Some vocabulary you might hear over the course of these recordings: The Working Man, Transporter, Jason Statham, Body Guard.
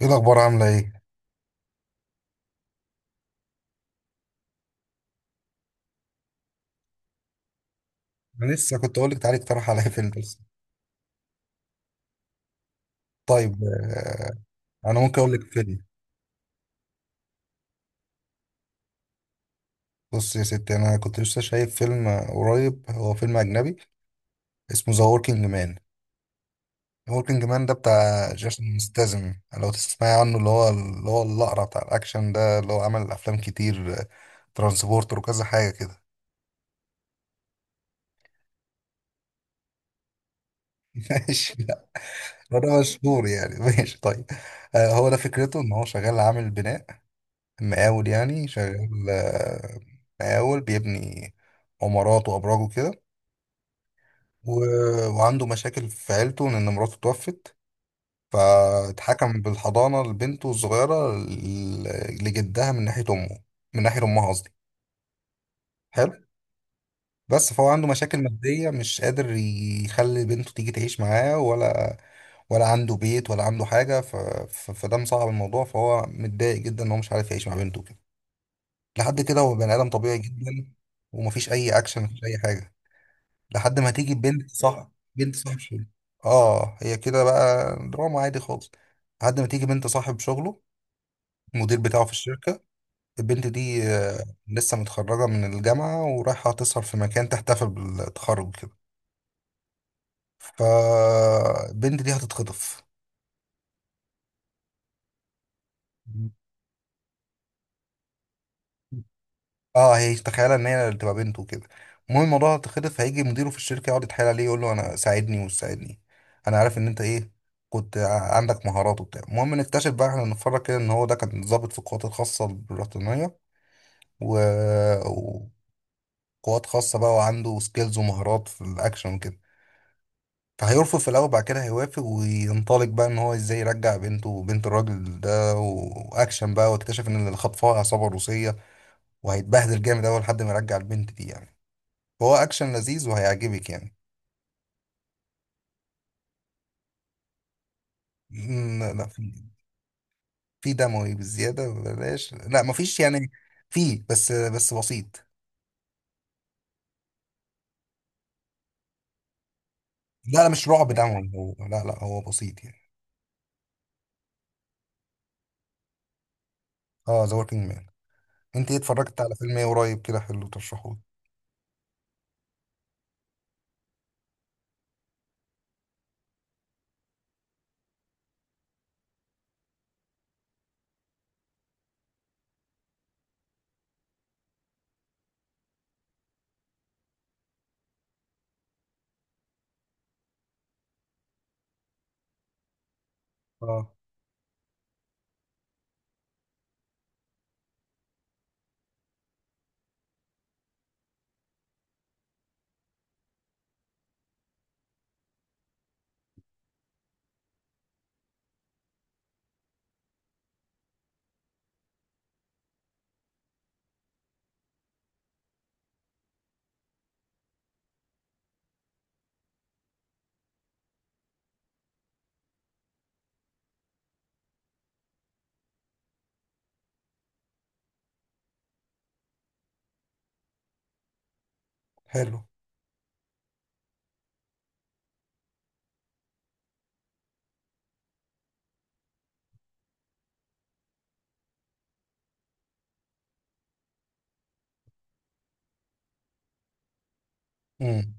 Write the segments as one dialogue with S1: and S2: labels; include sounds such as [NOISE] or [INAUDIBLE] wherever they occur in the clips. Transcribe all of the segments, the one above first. S1: ايه الاخبار؟ عامله ايه؟ انا لسه كنت اقول لك تعالي اقترح عليا فيلم بس. طيب، انا ممكن اقول لك فيلم. بص يا ستي، انا كنت لسه شايف فيلم قريب، هو فيلم اجنبي اسمه ذا وركينج مان. وركينج مان ده بتاع جيسون ستاثام، لو تسمعي عنه، اللي هو الاقرع بتاع الاكشن ده، اللي هو عمل افلام كتير، ترانسبورتر وكذا حاجه كده. [LAUGHS] ماشي، لا هو ده مشهور يعني. [LAUGHS] ماشي طيب. هو ده فكرته ان هو شغال عامل بناء، مقاول يعني، شغال، مقاول بيبني عمارات وأبراج وكده. وعنده مشاكل في عيلته لأن مراته توفت، فاتحكم بالحضانة لبنته الصغيرة لجدها من ناحية أمه، من ناحية أمها قصدي. حلو. بس فهو عنده مشاكل مادية، مش قادر يخلي بنته تيجي تعيش معاه، ولا ولا عنده بيت ولا عنده حاجة، فده مصعب الموضوع، فهو متضايق جدا إن هو مش عارف يعيش مع بنته كده. لحد كده هو بني ادم طبيعي جدا، ومفيش اي اكشن، مفيش اي حاجه، لحد ما تيجي بنت صاحب شغل. اه، هي كده بقى دراما عادي خالص. لحد ما تيجي بنت صاحب شغله، المدير بتاعه في الشركه. البنت دي لسه متخرجه من الجامعه ورايحه تسهر في مكان، تحتفل بالتخرج كده، فالبنت دي هتتخطف. اه، هي تخيلها ان هي اللي تبقى بنته وكده. المهم، الموضوع اتخلف، فهيجي مديره في الشركه يقعد يتحايل عليه، يقول له انا ساعدني ومش ساعدني. انا عارف ان انت ايه، كنت عندك مهارات وبتاع. المهم نكتشف بقى، احنا نتفرج كده، ان هو ده كان ضابط في القوات الخاصه البريطانيه، و... وقوات خاصه بقى، وعنده سكيلز ومهارات في الاكشن وكده. فهيرفض في الاول، بعد كده هيوافق وينطلق بقى ان هو ازاي يرجع بنته وبنت الراجل ده، واكشن بقى، واكتشف ان اللي خطفها عصابه روسيه، وهيتبهدل جامد اول لحد ما يرجع البنت دي يعني. هو اكشن لذيذ وهيعجبك يعني. لا لا، في. في دموي بالزياده بلاش، لا مفيش يعني. في، بس بسيط. لا لا، مش رعب دموي هو، لا لا، هو بسيط يعني. اه، ذا وركينج مان. انت ايه اتفرجت على فيلم ايه قريب كده حلو ترشحوه؟ اه. حلو. امم،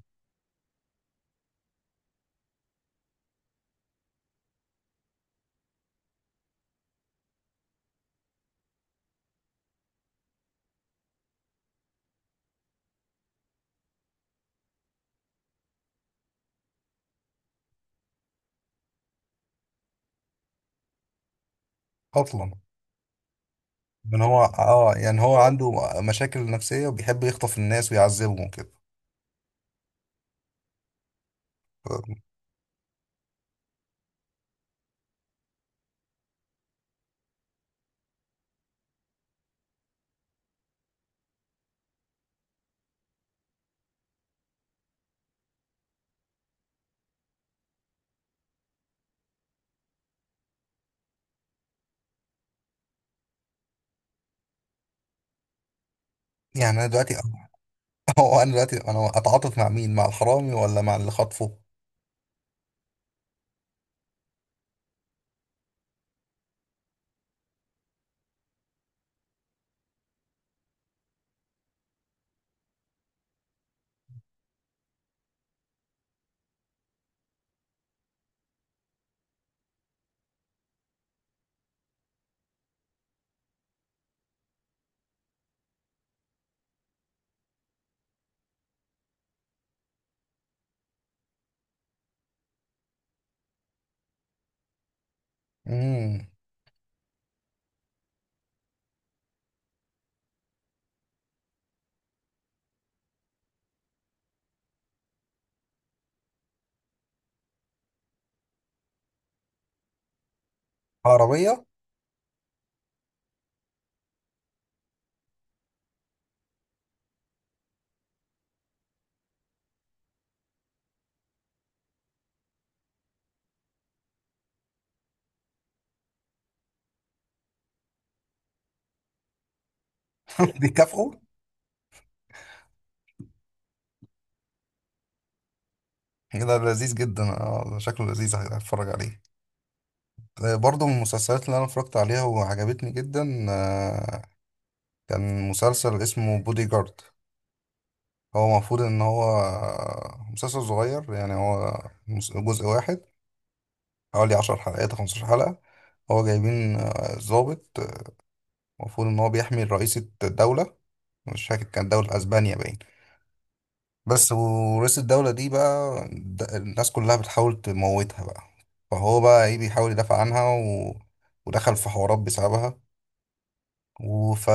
S1: اصلا من هو؟ اه، يعني هو عنده مشاكل نفسيه وبيحب يخطف الناس ويعذبهم وكده. يعني انا دلوقتي، [LAUGHS] هو انا دلوقتي، انا اتعاطف مع مين؟ مع الحرامي ولا مع اللي خطفه؟ امم. عربيه. [LAUGHS] بيكافئوا. كده لذيذ جدا، اه شكله لذيذ، هتفرج عليه. برضو من المسلسلات اللي انا اتفرجت عليها وعجبتني جدا، كان مسلسل اسمه بودي جارد. هو المفروض ان هو مسلسل صغير يعني، هو جزء واحد، حوالي عشر حلقات أو 15 حلقة. هو جايبين ضابط، المفروض ان هو بيحمي رئيسة الدولة، مش فاكر كان دولة اسبانيا باين. بس ورئيس الدولة دي بقى، الناس كلها بتحاول تموتها بقى، فهو بقى ايه، بيحاول يدافع عنها، ودخل في حوارات بسببها. وف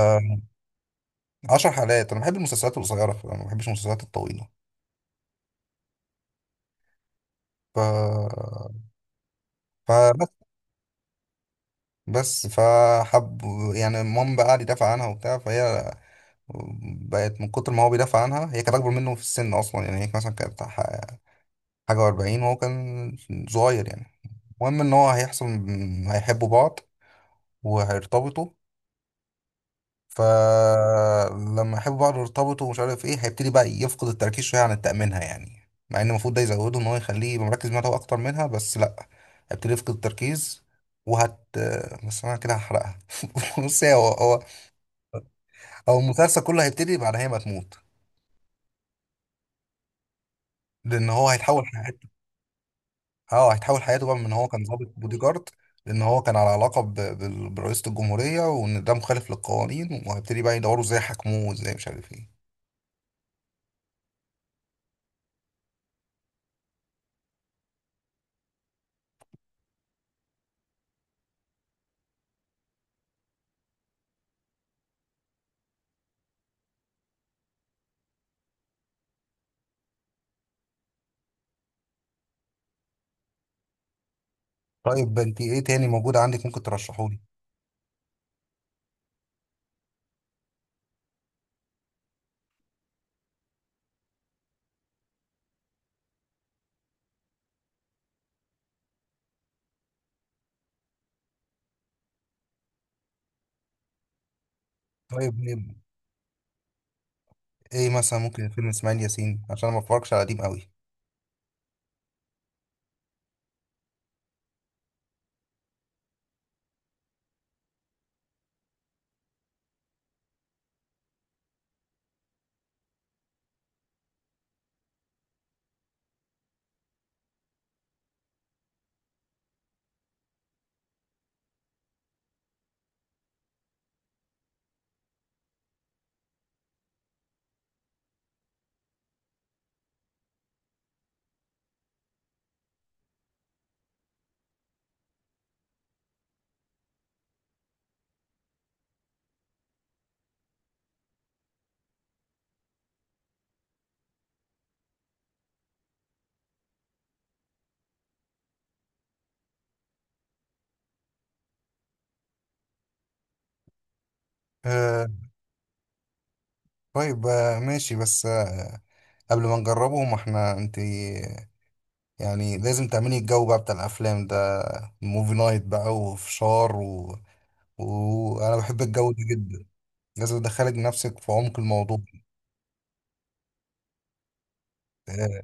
S1: 10 حلقات. انا بحب المسلسلات القصيرة، فأنا ما بحبش المسلسلات الطويلة. ف فبس بس فحب يعني، بقى قعد يدافع عنها وبتاع، فهي بقت، من كتر ما هو بيدافع عنها، هي كانت اكبر منه في السن اصلا يعني، هي مثلا كانت حاجة و40 وهو كان صغير يعني. المهم ان هو هيحصل، هيحبوا بعض وهيرتبطوا. فلما يحبوا بعض يرتبطوا ومش عارف ايه، هيبتدي بقى يفقد التركيز شويه عن تأمينها، يعني مع ان المفروض ده يزوده، ان هو يخليه يبقى مركز معاها هو اكتر منها، بس لا، هيبتدي يفقد التركيز. وهت بس انا كده هحرقها. [LAUGHS] بص، هو المسلسل كله هيبتدي بعد هي ما تموت، لان هو هيتحول حياته. اه، هيتحول حياته بقى من ان هو كان ضابط بودي جارد، لان هو كان على علاقه برئيسه الجمهوريه، وان ده مخالف للقوانين، وهيبتدي بقى يدوروا ازاي يحاكموه وازاي مش عارف ايه. طيب، انت ايه تاني موجود عندك ممكن ترشحه لي؟ طيب، ايه مثلا ممكن فيلم اسماعيل ياسين، عشان أنا ما بتفرجش على قديم قوي. آه. طيب، آه ماشي، بس آه، قبل ما نجربه، ما احنا انت يعني لازم تعملي الجو بقى بتاع الافلام ده، موفي نايت بقى وفشار، وانا بحب الجو ده جدا، لازم ادخلك نفسك في عمق الموضوع. آه.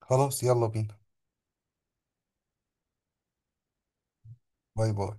S1: خلاص، يلا بينا. باي باي.